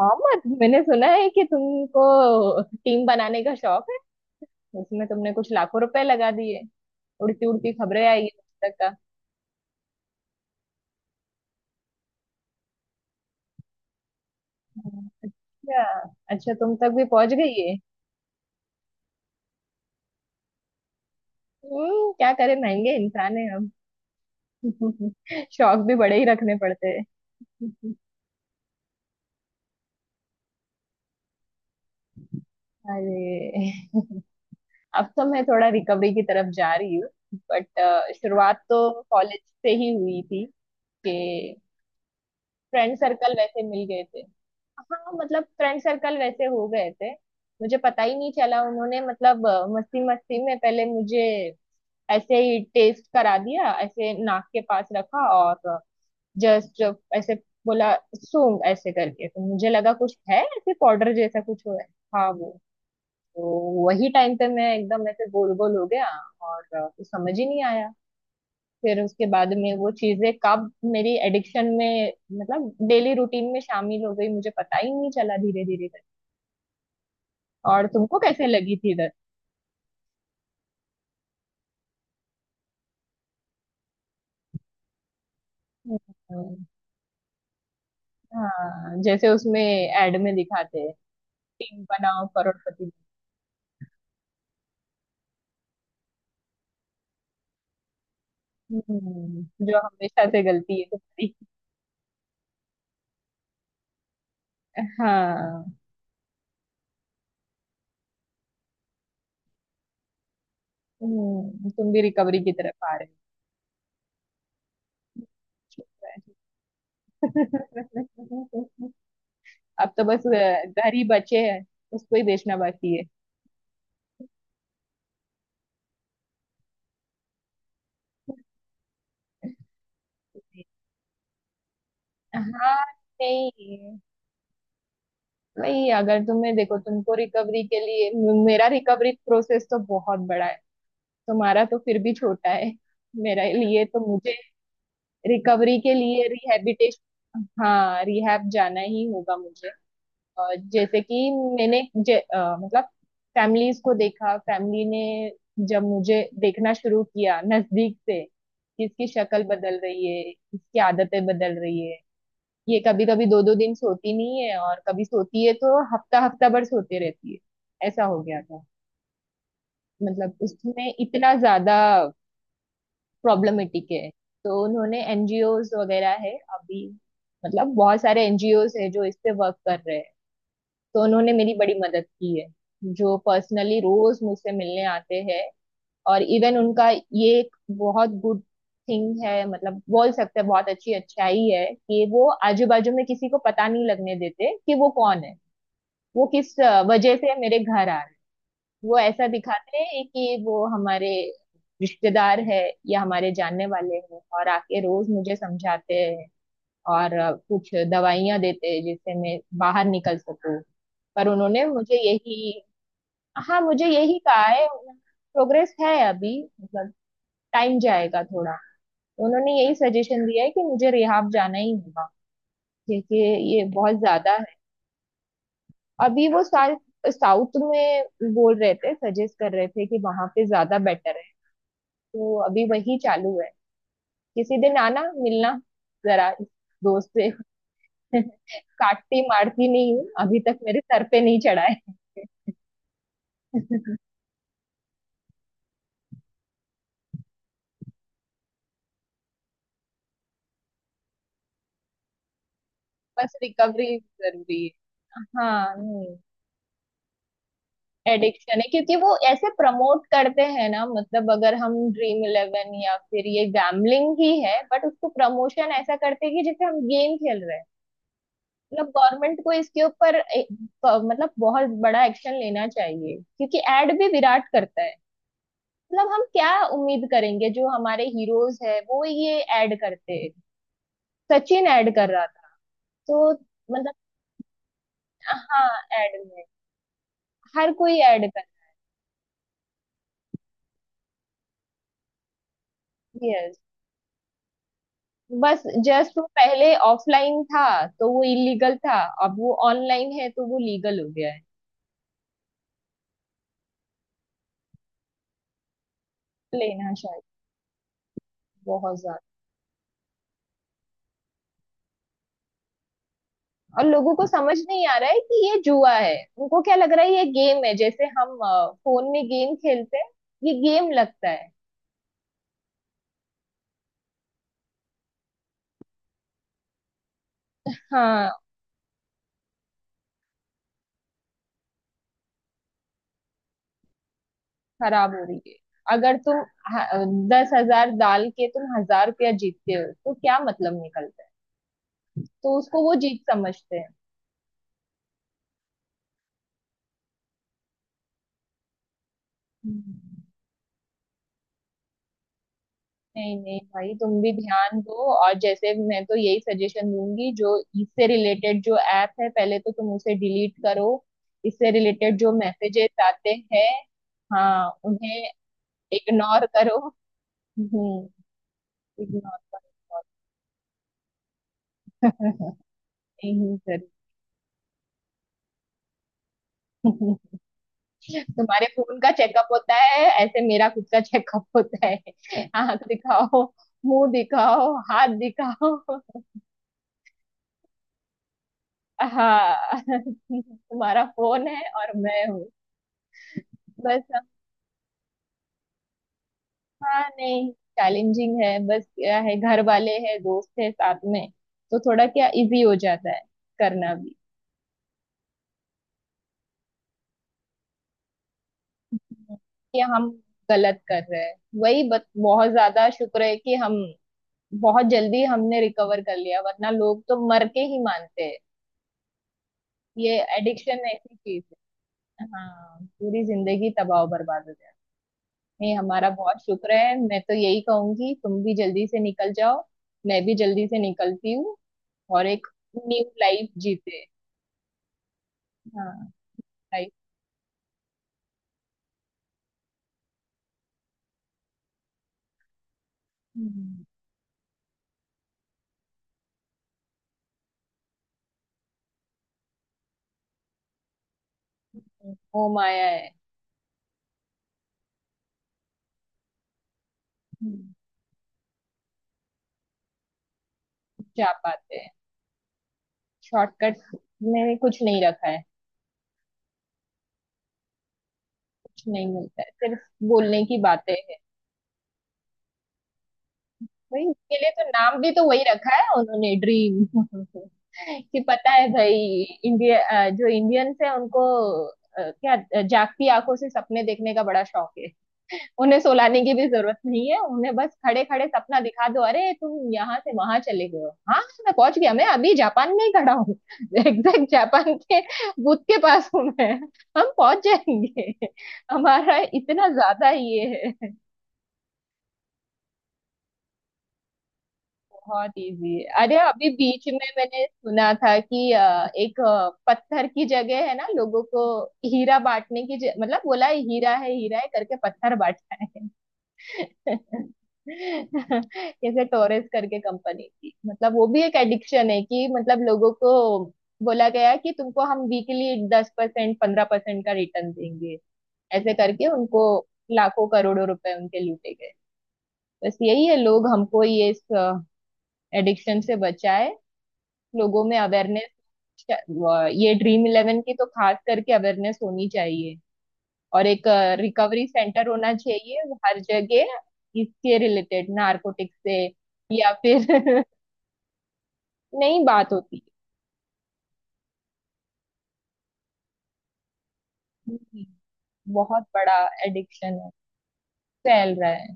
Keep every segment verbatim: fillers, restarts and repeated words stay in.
मोहम्मद, मैंने सुना है कि तुमको टीम बनाने का शौक है। उसमें तुमने कुछ लाखों रुपए लगा दिए। उड़ती उड़ती खबरें आई है तुम तक का। हम्म, अच्छा अच्छा, तुम तक भी पहुंच गई है। हम्म, क्या करे, महंगे इंसान है हम। शौक भी बड़े ही रखने पड़ते हैं। अरे। अब तो मैं थोड़ा रिकवरी की तरफ जा रही हूँ। बट शुरुआत तो कॉलेज से ही हुई थी। कि फ्रेंड सर्कल वैसे मिल गए थे। हाँ, मतलब फ्रेंड सर्कल वैसे हो गए थे। मुझे पता ही नहीं चला, उन्होंने मतलब मस्ती मस्ती में पहले मुझे ऐसे ही टेस्ट करा दिया, ऐसे नाक के पास रखा और जस्ट ऐसे बोला सूंघ, ऐसे करके तो मुझे लगा कुछ है, ऐसे पाउडर जैसा कुछ हो है। हाँ वो तो वही टाइम पे मैं एकदम ऐसे गोल गोल हो गया और कुछ समझ ही नहीं आया। फिर उसके बाद में वो चीजें कब मेरी एडिक्शन में, मतलब डेली रूटीन में शामिल हो गई मुझे पता ही नहीं चला, धीरे धीरे करके। और तुमको कैसे लगी थी इधर। हम्म। हाँ, जैसे उसमें एड में दिखाते हैं, टीम बनाओ करोड़पति। हम्म, जो हमेशा से गलती है तुम्हारी। हाँ। हम्म, तुम भी रिकवरी की तरफ आ रहे हो। ठीक है। अब तो बस अ, घर ही बचे हैं। उसको ही बेचना बाकी है। हाँ, नहीं नहीं, अगर तुम्हें देखो, तुमको रिकवरी के लिए, मेरा रिकवरी प्रोसेस तो बहुत बड़ा है। तुम्हारा तो फिर भी छोटा है। मेरे लिए तो मुझे रिकवरी के लिए रिहैबिटेशन, हाँ, रिहैब जाना ही होगा मुझे। अ, जैसे कि मैंने जे, अ, मतलब फैमिलीज को देखा, फैमिली ने जब मुझे देखना शुरू किया नजदीक से, किसकी शक्ल बदल रही है, किसकी आदतें बदल रही है, ये कभी कभी दो दो दिन सोती नहीं है और कभी सोती है तो हफ्ता हफ्ता भर सोते रहती है, ऐसा हो गया था। मतलब उसमें इतना ज्यादा प्रॉब्लमेटिक है। तो उन्होंने एनजीओज वगैरह है अभी, मतलब बहुत सारे एनजीओज है जो इस पे वर्क कर रहे हैं। तो उन्होंने मेरी बड़ी मदद की है। जो पर्सनली रोज मुझसे मिलने आते हैं। और इवन उनका ये एक बहुत गुड थिंग है, मतलब बोल सकते हैं बहुत अच्छी अच्छाई है कि वो आजू बाजू में किसी को पता नहीं लगने देते कि वो कौन है, वो किस अ, वजह से मेरे घर आ रहे हैं। वो ऐसा दिखाते हैं कि वो हमारे रिश्तेदार है या हमारे जानने वाले हैं, और आके रोज मुझे समझाते हैं। और अ, कुछ दवाइयां देते हैं जिससे मैं बाहर निकल सकूं। पर उन्होंने मुझे यही, हाँ, मुझे यही कहा है, प्रोग्रेस है अभी। मतलब टाइम जाएगा थोड़ा। उन्होंने यही सजेशन दिया है कि मुझे रिहाब जाना ही होगा। क्योंकि ये बहुत ज्यादा। अभी वो साल साउथ में बोल रहे थे, सजेस्ट कर रहे थे कि वहां पे ज्यादा बेटर है। तो अभी वही चालू है। किसी दिन आना, मिलना जरा दोस्त से। काटती मारती नहीं हूँ, अभी तक मेरे सर पे नहीं चढ़ा है। बस रिकवरी जरूरी है। हाँ नहीं, एडिक्शन है क्योंकि वो ऐसे प्रमोट करते हैं ना, मतलब अगर हम ड्रीम इलेवन या फिर ये गैम्बलिंग ही है, बट उसको प्रमोशन ऐसा करते हैं कि जैसे हम गेम खेल रहे हैं। मतलब गवर्नमेंट को इसके ऊपर ए- प- मतलब बहुत बड़ा एक्शन लेना चाहिए, क्योंकि एड भी विराट करता है। मतलब हम क्या उम्मीद करेंगे, जो हमारे हीरोज है वो ये ऐड करते हैं। सचिन ऐड कर रहा था। तो मतलब, हाँ, ऐड में हर कोई ऐड कर। यस। बस जस्ट वो पहले ऑफलाइन था तो वो इलीगल था। अब वो ऑनलाइन है तो वो लीगल हो गया है। लेना चाहिए बहुत ज्यादा। और लोगों को समझ नहीं आ रहा है कि ये जुआ है, उनको क्या लग रहा है ये गेम है, जैसे हम अ, फोन में गेम खेलते हैं। ये गेम लगता है। हाँ, खराब हो रही है। अगर तुम ह- दस हजार डाल के तुम हजार रुपया जीतते हो तो क्या मतलब निकलता है। तो उसको वो जीत समझते हैं। हम्म। नहीं नहीं भाई, तुम भी ध्यान दो। और जैसे मैं तो यही सजेशन दूंगी जो इससे रिलेटेड जो ऐप है, पहले तो तुम उसे डिलीट करो। इससे रिलेटेड जो मैसेजेस आते हैं हाँ उन्हें इग्नोर करो। हम्म, इग्नोर करो। नहीं। जरूर। तुम्हारे फोन का चेकअप होता है, ऐसे मेरा खुद का चेकअप होता है। आंख दिखाओ, मुंह दिखाओ, हाथ दिखाओ। हाँ, तुम्हारा फोन है और मैं हूँ। बस। हाँ नहीं, चैलेंजिंग है। बस क्या है, घर वाले हैं, दोस्त है साथ में, तो थोड़ा क्या इजी हो जाता है करना भी। कि हम गलत कर रहे हैं। वही बस, बहुत ज्यादा शुक्र है कि हम बहुत जल्दी हमने रिकवर कर लिया, वरना लोग तो मर के ही मानते हैं। ये एडिक्शन ऐसी चीज है, हाँ, पूरी जिंदगी तबाह बर्बाद हो जाए। नहीं, हमारा बहुत शुक्र है। मैं तो यही कहूंगी, तुम भी जल्दी से निकल जाओ। मैं भी जल्दी से निकलती हूँ और एक न्यू लाइफ जीते। हाँ। राइट। वो माया है। हम्म, जा पाते हैं। शॉर्टकट में कुछ नहीं रखा है। कुछ नहीं मिलता है, सिर्फ बोलने की बातें हैं। भाई, उसके लिए तो नाम भी तो वही रखा है उन्होंने, ड्रीम। कि पता है भाई, इंडिया, अ, जो इंडियंस है उनको अ, क्या अ, जागती आंखों से सपने देखने का बड़ा शौक है। उन्हें सुलाने की भी जरूरत नहीं है, उन्हें बस खड़े खड़े सपना दिखा दो, अरे तुम यहाँ से वहां चले गए हो, हाँ मैं पहुंच गया, मैं अभी जापान में ही खड़ा हूँ। एग्जैक्ट जापान के बूथ के पास हूँ मैं। हम पहुंच जाएंगे, हमारा इतना ज्यादा ये है। बहुत इजी है। अरे अभी बीच में मैंने सुना था कि अ, एक अ, पत्थर की जगह है ना, लोगों को हीरा बांटने की ज... मतलब बोला है, हीरा है हीरा है करके पत्थर बांटा है। जैसे टोरेस करके कंपनी थी, मतलब वो भी एक एडिक्शन है कि मतलब लोगों को बोला गया कि तुमको हम वीकली दस परसेंट पंद्रह परसेंट का रिटर्न देंगे, ऐसे करके उनको लाखों करोड़ों रुपए उनके लूटे गए। बस यही है, लोग हमको ये इस एडिक्शन से बचाए, लोगों में अवेयरनेस, ये ड्रीम इलेवन की तो खास करके अवेयरनेस होनी चाहिए। और एक रिकवरी सेंटर होना चाहिए हर जगह, इसके रिलेटेड नारकोटिक से या फिर। नहीं, बात होती हम्म, बहुत बड़ा एडिक्शन है, फैल रहा है।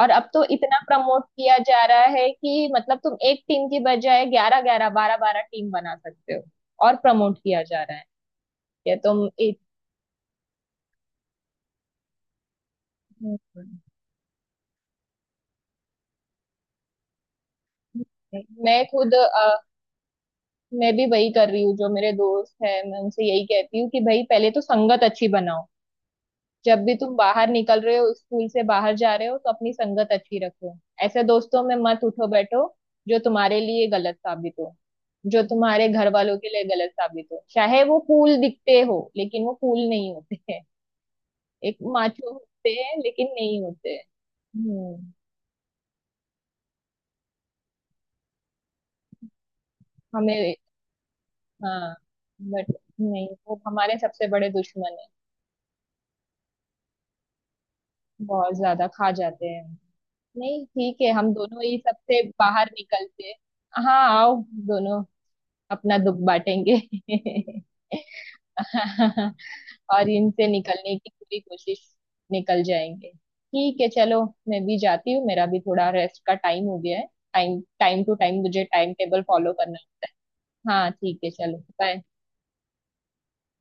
और अब तो इतना प्रमोट किया जा रहा है कि मतलब तुम एक टीम की बजाय ग्यारह ग्यारह बारह बारह टीम बना सकते हो और प्रमोट किया जा रहा है कि तुम एक। हम्म। मैं खुद अ, मैं भी वही कर रही हूँ, जो मेरे दोस्त है मैं उनसे यही कहती हूँ कि भाई पहले तो संगत अच्छी बनाओ, जब भी तुम बाहर निकल रहे हो, स्कूल से बाहर जा रहे हो तो अपनी संगत अच्छी रखो। ऐसे दोस्तों में मत उठो बैठो जो तुम्हारे लिए गलत साबित हो, जो तुम्हारे घर वालों के लिए गलत साबित हो, चाहे वो फूल दिखते हो लेकिन वो फूल नहीं होते हैं। एक माचो होते हैं लेकिन नहीं होते हैं। हम्म। हमें। हाँ। बट नहीं, वो हमारे सबसे बड़े दुश्मन है, बहुत ज्यादा खा जाते हैं। नहीं ठीक है, हम दोनों ही सबसे बाहर निकलते हैं। हाँ आओ, दोनों अपना दुख बांटेंगे। और इनसे निकलने की पूरी कोशिश, निकल जाएंगे। ठीक है चलो, मैं भी जाती हूँ, मेरा भी थोड़ा रेस्ट का टाइम हो गया है। टाइम टाइम टू टाइम मुझे टाइम टेबल फॉलो करना होता है। हाँ ठीक है, चलो बाय।